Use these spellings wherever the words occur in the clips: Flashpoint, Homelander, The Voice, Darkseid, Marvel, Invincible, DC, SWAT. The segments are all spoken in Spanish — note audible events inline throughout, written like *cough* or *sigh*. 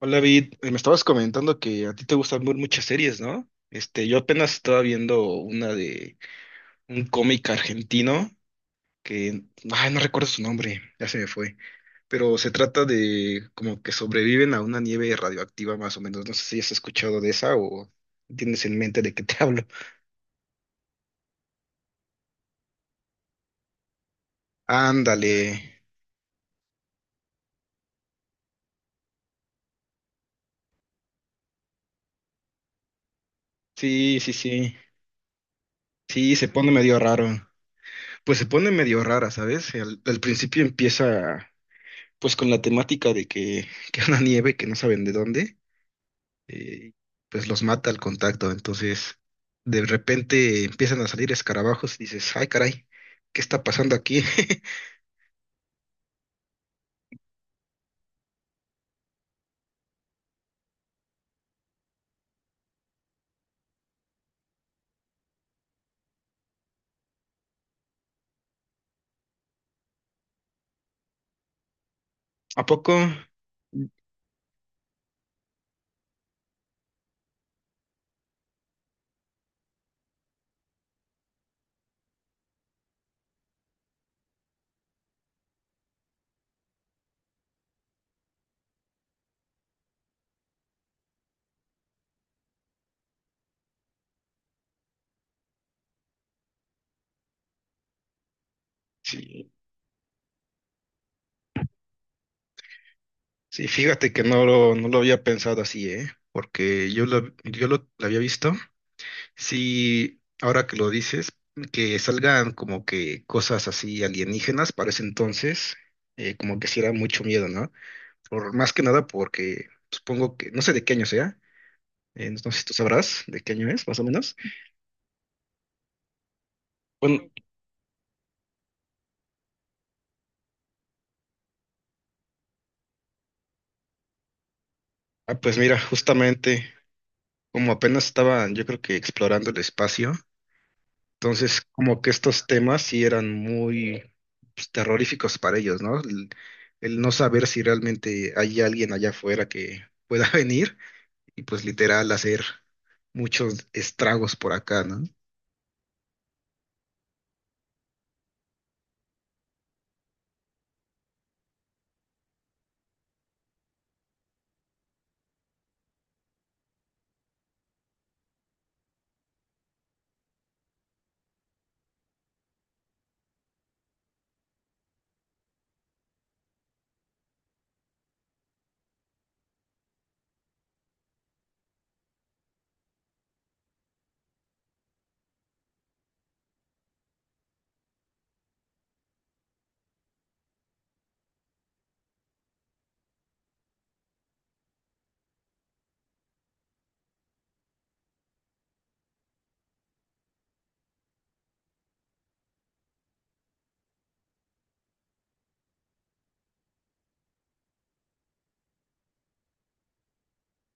Hola, Vid. Me estabas comentando que a ti te gustan muchas series, ¿no? Este, yo apenas estaba viendo una de un cómic argentino que, ay, no recuerdo su nombre, ya se me fue, pero se trata de como que sobreviven a una nieve radioactiva más o menos. No sé si has escuchado de esa o tienes en mente de qué te *laughs* hablo. Ándale. Sí, sí, sí. Sí, se pone medio raro. Pues se pone medio rara, ¿sabes? Al principio empieza pues con la temática de que, *laughs* que una nieve que no saben de dónde, eh, pues los mata al contacto. Entonces, de repente empiezan a salir escarabajos y dices, ay, caray, ¿qué está pasando aquí? *laughs* ¿A poco? Sí, sí, fíjate que no lo había pensado así, ¿eh? Porque lo había visto. Sí, ahora que lo dices, que salgan como que cosas así alienígenas para ese entonces, como que sí era mucho miedo, ¿no? Por, más que nada porque supongo que, no sé de qué año sea, no sé si tú sabrás de qué año es, más o menos. Bueno, ah, pues mira, justamente como apenas estaban, yo creo que explorando el espacio, entonces como que estos temas sí eran muy pues, terroríficos para ellos, ¿no? El no saber si realmente hay alguien allá afuera que pueda *laughs* venir y pues literal hacer muchos estragos por acá, ¿no?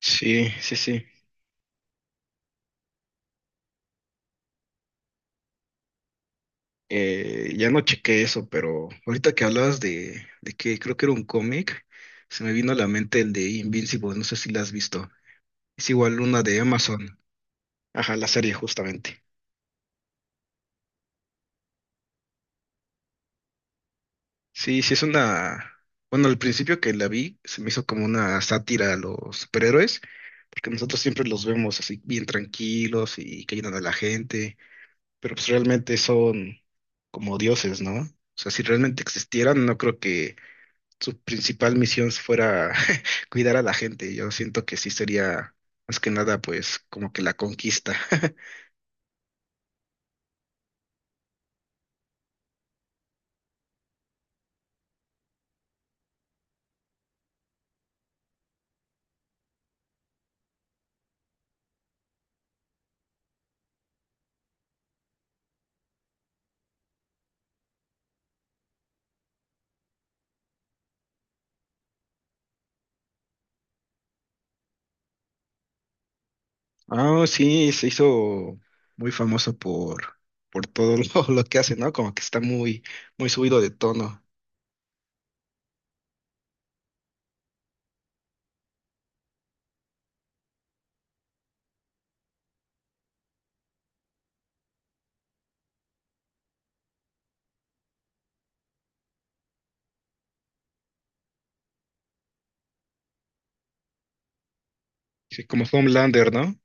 Sí, sí, sí. Ya no chequé eso, pero ahorita que hablabas de que creo que era un cómic, se me vino a la mente el de Invincible, no sé si la has visto. Es igual una de Amazon. Ajá, la serie justamente. Sí, sí es una... Bueno, al principio que la vi se me hizo como una sátira a los superhéroes, porque nosotros siempre los vemos así bien tranquilos y que ayudan a la gente, pero pues realmente son como dioses, ¿no? O sea, si realmente existieran, no creo que su principal misión fuera *laughs* cuidar a la gente. Yo siento que sí sería más que nada, pues, como que la conquista. *laughs* Ah, sí, se hizo muy famoso por todo *laughs* lo que hace, ¿no? Como que está muy, muy subido de tono. Sí, como Homelander, ¿no?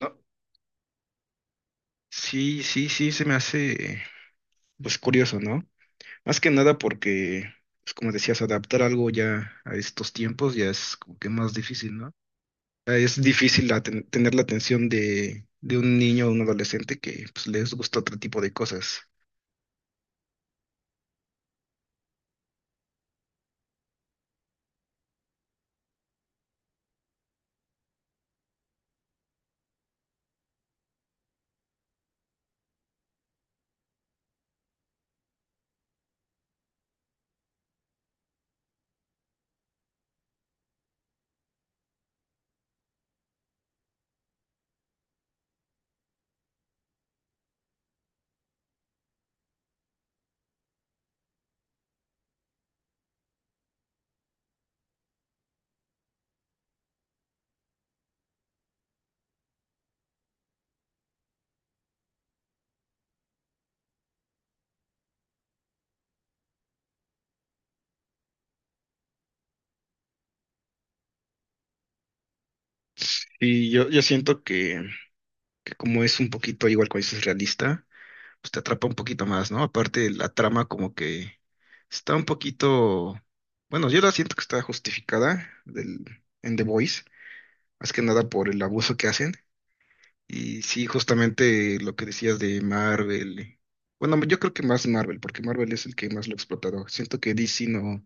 No, sí, sí, sí, se me hace, pues, curioso, ¿no? Más que nada porque, pues, como decías, adaptar algo ya a estos tiempos ya es como que más difícil, ¿no? Es difícil tener la atención de un niño o un adolescente que pues, les gusta otro tipo de cosas. Y yo siento que como es un poquito igual cuando dices realista, pues te atrapa un poquito más, ¿no? Aparte la trama como que está un poquito, bueno, yo la siento que está justificada del, en The Voice, más que nada por el abuso que hacen. Y sí, justamente lo que decías de Marvel. Bueno, yo creo que más Marvel, porque Marvel es el que más lo ha explotado. Siento que DC no.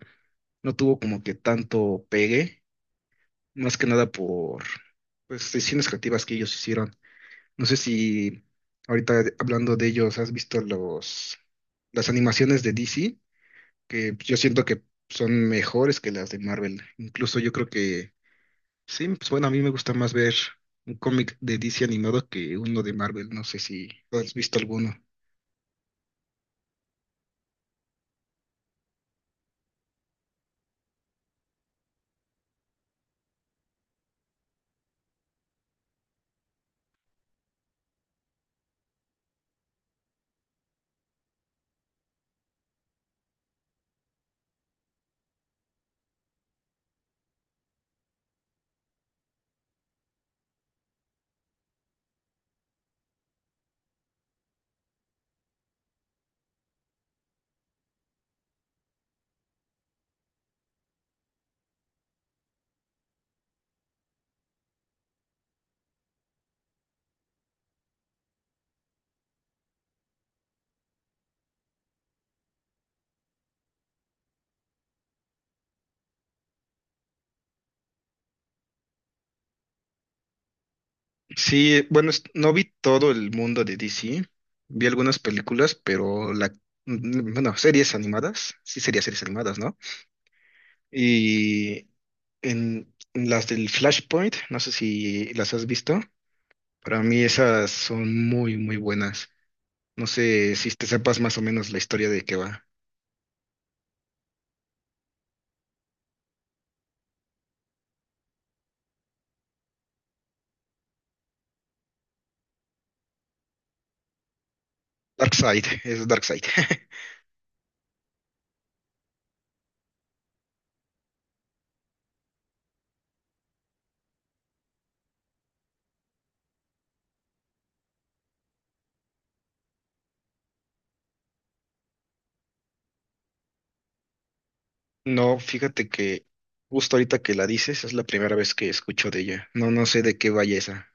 No tuvo como que tanto pegue, más que nada por pues decisiones creativas que ellos hicieron. No sé si ahorita hablando de ellos, has visto los las animaciones de DC, que yo siento que son mejores que las de Marvel. Incluso yo creo que sí, pues bueno, a mí me gusta más ver un cómic de DC animado que uno de Marvel. No sé si has visto alguno. Sí, bueno, no vi todo el mundo de DC, vi algunas películas, pero la, mm, bueno, series animadas, sí sería series animadas, ¿no? Y en las del Flashpoint, no sé si las has visto, para mí esas son muy, muy buenas. No sé si te sepas más o menos la historia de qué va. Darkseid, es Darkseid. *laughs* No, fíjate que justo ahorita que la dices es la primera vez que escucho de ella. No, no sé de qué vaya esa.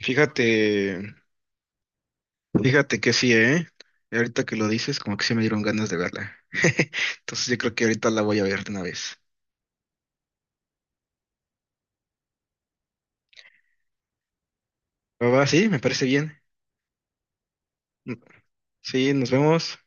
Fíjate. Fíjate que sí, ¿eh? Ahorita que lo dices, como que sí me dieron ganas de verla. *laughs* Entonces yo creo que ahorita la voy a ver de una vez. Va, va, sí, me parece bien. Mm, sí, nos vemos.